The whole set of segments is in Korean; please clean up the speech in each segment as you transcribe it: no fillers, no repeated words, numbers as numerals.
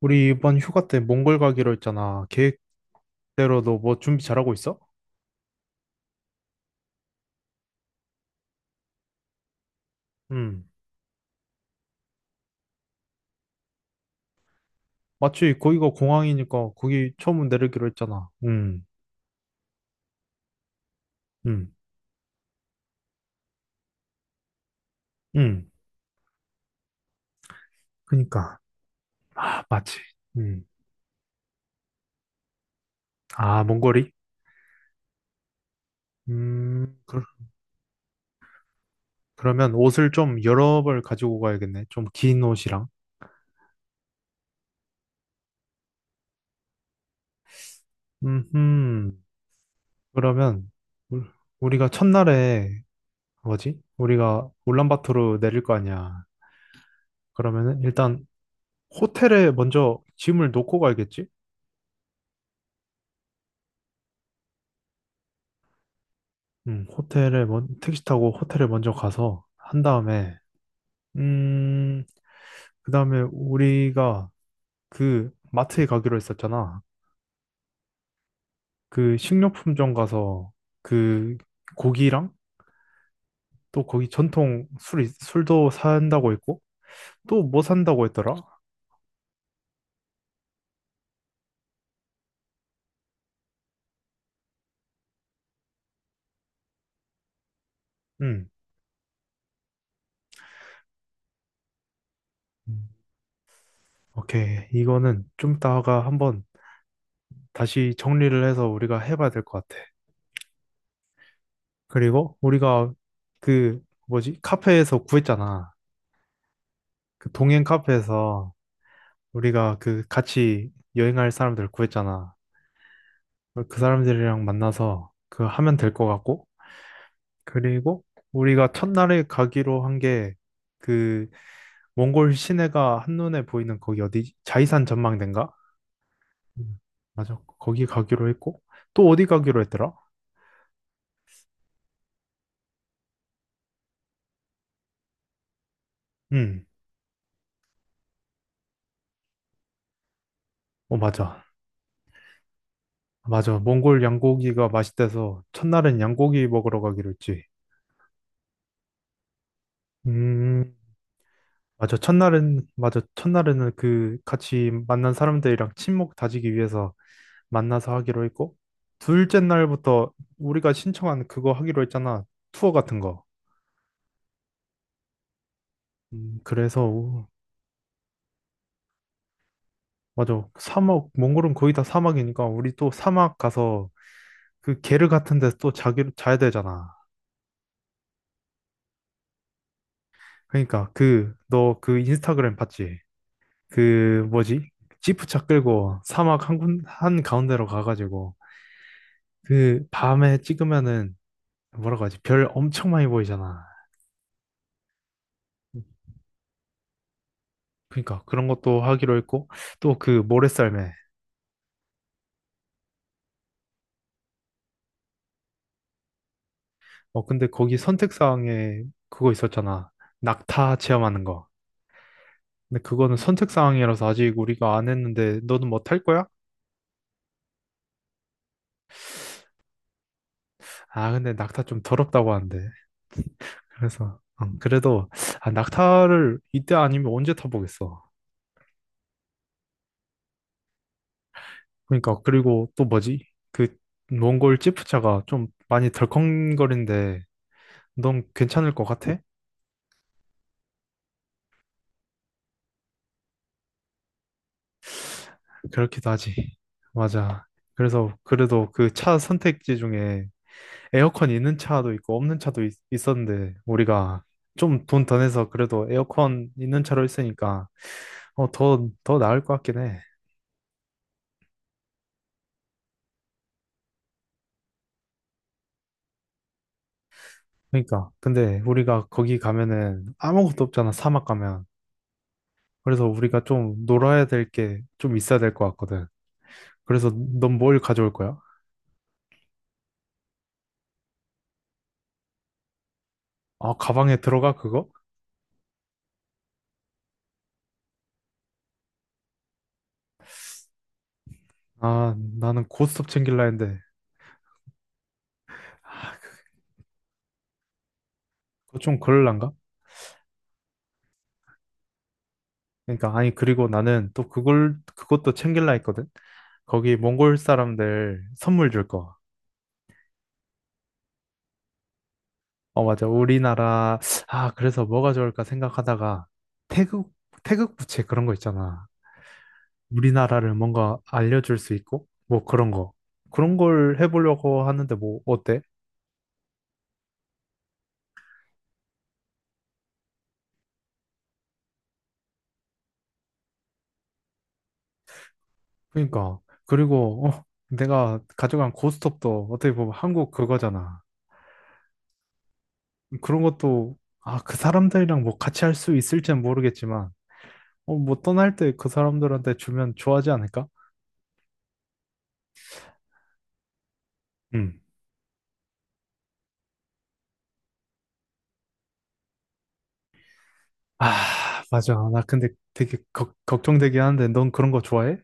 우리 이번 휴가 때 몽골 가기로 했잖아. 계획대로 너 뭐 준비 잘하고 있어? 응. 마치 거기가 공항이니까 거기 처음 내리기로 했잖아. 응, 응, 응. 그니까. 아, 맞지. 응. 아, 몽골이? 음, 그, 그러면 옷을 좀 여러 벌 가지고 가야겠네. 좀 긴 옷이랑. 음, 음. 그러면 우- 우리가 첫날에 뭐지? 우리가 울란바토르 내릴 거 아니야. 그러면은 일단 호텔에 먼저 짐을 놓고 가야겠지? 택시 타고 호텔에 먼저 가서 한 다음에 음, 그다음에 우리가 그 마트에 가기로 했었잖아. 그 식료품점 가서 그 고기랑 또 거기 전통 술도 산다고 했고 또 뭐 산다고 했더라? 음. 음. 오케이. 이거는 좀 이따가 한번 다시 정리를 해서 우리가 해봐야 될 것 같아. 그리고 우리가 그 뭐지? 카페에서 구했잖아. 그 동행 카페에서 우리가 그 같이 여행할 사람들 구했잖아. 그 사람들이랑 만나서 그 하면 될 것 같고, 그리고 우리가 첫날에 가기로 한 게 그 몽골 시내가 한눈에 보이는 거기 어디 자이산 전망대인가? 음, 맞아. 거기 가기로 했고, 또 어디 가기로 했더라? 음, 어, 맞아. 맞아. 몽골 양고기가 맛있대서 첫날은 양고기 먹으러 가기로 했지. 음, 맞아. 첫날은, 맞아. 첫날에는 그 같이 만난 사람들이랑 친목 다지기 위해서 만나서 하기로 했고, 둘째 날부터 우리가 신청한 그거 하기로 했잖아. 투어 같은 거. 그래서, 맞아. 사막, 몽골은 거의 다 사막이니까, 우리 또 사막 가서 그 게르 같은 데서 또 자야 되잖아. 그러니까, 그, 너 그 인스타그램 봤지? 그, 뭐지? 지프차 끌고 사막 한 가운데로 가가지고, 그, 밤에 찍으면은, 뭐라고 하지? 별 엄청 많이 보이잖아. 그러니까, 그런 것도 하기로 했고, 또 그 모래썰매. 어, 근데 거기 선택사항에 그거 있었잖아. 낙타 체험하는 거. 근데 그거는 선택사항이라서 아직 우리가 안 했는데 너는 뭐 탈 거야? 아, 근데 낙타 좀 더럽다고 하는데. 그래서, 그래도, 아, 낙타를 이때 아니면 언제 타보겠어. 그러니까, 그리고 또 뭐지? 그 몽골 찌푸차가 좀 많이 덜컹거린데 넌 괜찮을 것 같아? 그렇기도 하지. 맞아. 그래서 그래도 그 차 선택지 중에 에어컨 있는 차도 있고 없는 었는데 우리가 좀 돈 더 내서 그래도 에어컨 있는 차로 했으니까 어, 더 나을 것 같긴 해. 그러니까 근데 우리가 거기 가면은 아무것도 없잖아 사막 가면. 그래서 우리가 좀 놀아야 될 게 좀 있어야 될 것 같거든. 그래서 넌 뭘 가져올 거야? 아 가방에 들어가 그거? 아 나는 고스톱 챙길라 했는데 아, 그거 좀 그럴란가? 그러니까 아니 그리고 나는 또 그걸 그것도 챙길라 했거든. 거기 몽골 사람들 선물 줄 거. 어 맞아. 우리나라 아 그래서 뭐가 좋을까 생각하다가 태극 태극 부채 그런 거 있잖아. 우리나라를 뭔가 알려줄 수 있고 뭐 그런 거 그런 걸 해보려고 하는데 뭐 어때? 그러니까 그리고 어, 내가 가져간 고스톱도 어떻게 보면 한국 그거잖아. 그런 것도 아 그 사람들이랑 뭐 같이 할 수 있을지는 모르겠지만. 어, 뭐 떠날 때 그 사람들한테 주면 좋아하지 않을까? 음. 아, 맞아. 나 근데 되게 걱정되긴 하는데, 넌 그런 거 좋아해?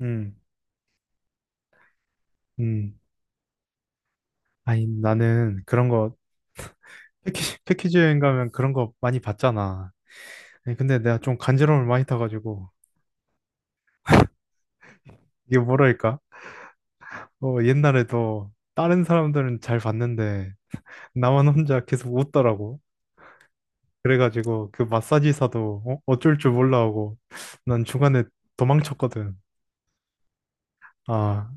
음. 음, 아니, 나는 그런 거, 패키지 여행 가면 그런 거 많이 봤잖아. 아니, 근데 내가 좀 간지러움을 많이 타가지고, 이게 뭐랄까? 어, 옛날에도 다른 사람들은 잘 봤는데, 나만 혼자 계속 웃더라고. 그래가지고, 그 마사지사도 어? 어쩔 줄 몰라 하고, 난 중간에 도망쳤거든. 아,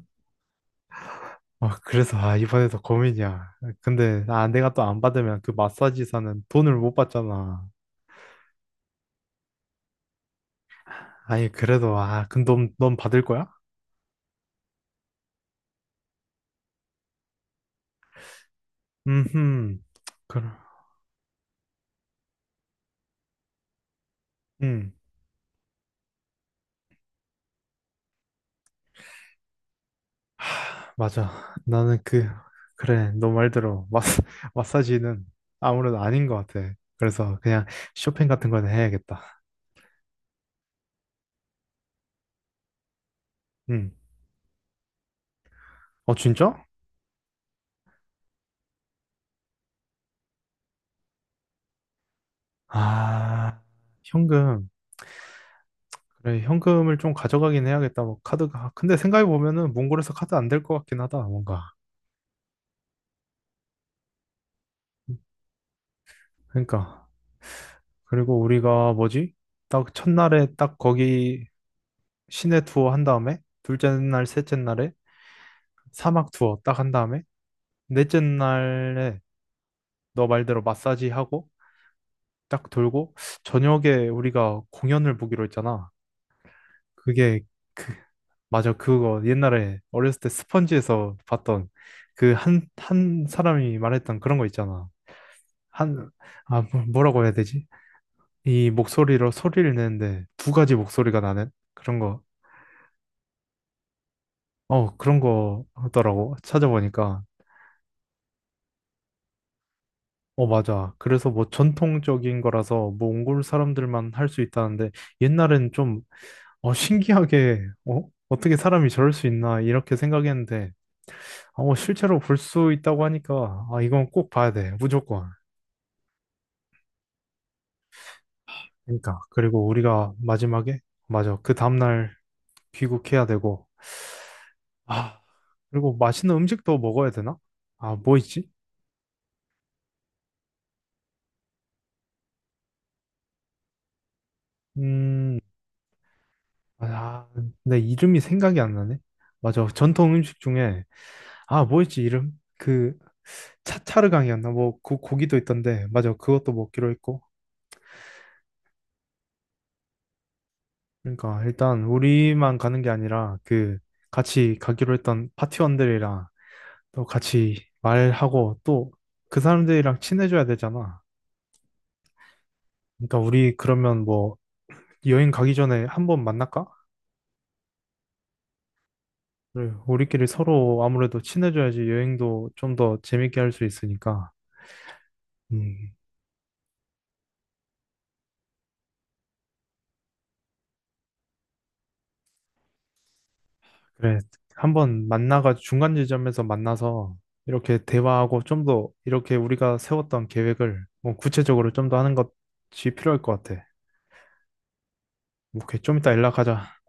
아, 그래서, 아, 이번에도 고민이야. 근데, 아, 내가 또 안 받으면 그 마사지사는 돈을 못 받잖아. 아니, 그래도, 아, 그럼 넌 받을 거야? 음흠. 그럼, 음. 하, 맞아. 나는 그, 그래, 너 말대로, 마사지는 아무래도 아닌 것 같아. 그래서 그냥 쇼핑 같은 거는 해야겠다. 음. 어, 진짜? 아, 현금. 그래, 현금을 좀 가져가긴 해야겠다. 뭐, 카드가. 근데 생각해보면은, 몽골에서 카드 안 될 것 같긴 하다, 뭔가. 그러니까. 그리고 우리가 뭐지? 딱 첫날에 딱 거기 시내 투어 한 다음에 둘째 날, 셋째 날에 사막 투어 딱 한 다음에 넷째 날에 너 말대로 마사지 하고 딱 돌고 저녁에 우리가 공연을 보기로 했잖아. 그게 맞아 그거 옛날에 어렸을 때 스펀지에서 봤던 그 한 사람이 말했던 그런 거 있잖아. 한 아 뭐라고 해야 되지? 이 목소리로 소리를 내는데 두 가지 목소리가 나는 그런 거 어, 그런 거 하더라고. 찾아보니까. 어, 맞아. 그래서 뭐 전통적인 거라서 몽골 사람들만 할 수 있다는데 옛날엔 좀 어, 신기하게 어? 어떻게 사람이 저럴 수 있나 이렇게 생각했는데 어, 실제로 볼 수 있다고 하니까 아, 이건 꼭 봐야 돼. 무조건. 그러니까. 그리고 우리가 마지막에 맞아. 그 다음날 귀국해야 되고 아, 그리고 맛있는 음식도 먹어야 되나? 아, 뭐 있지? 음, 아, 내 이름이 생각이 안 나네. 맞아. 전통 음식 중에 아, 뭐였지 이름? 그 차차르강이었나? 뭐 그 고기도 있던데. 맞아. 그것도 먹기로 했고. 그러니까 일단 우리만 가는 게 아니라 그 같이 가기로 했던 파티원들이랑 또 같이 말하고 또 그 사람들이랑 친해져야 되잖아. 그러니까 우리 그러면 뭐 여행 가기 전에 한번 만날까? 그래, 우리끼리 서로 아무래도 친해져야지 여행도 좀 더 재밌게 할 수 있으니까. 음. 그래, 한번 만나가 중간 지점에서 만나서 이렇게 대화하고 좀 더 이렇게 우리가 세웠던 계획을 뭐 구체적으로 좀 더 하는 것이 필요할 것 같아. 오케이, 좀 이따 연락하자.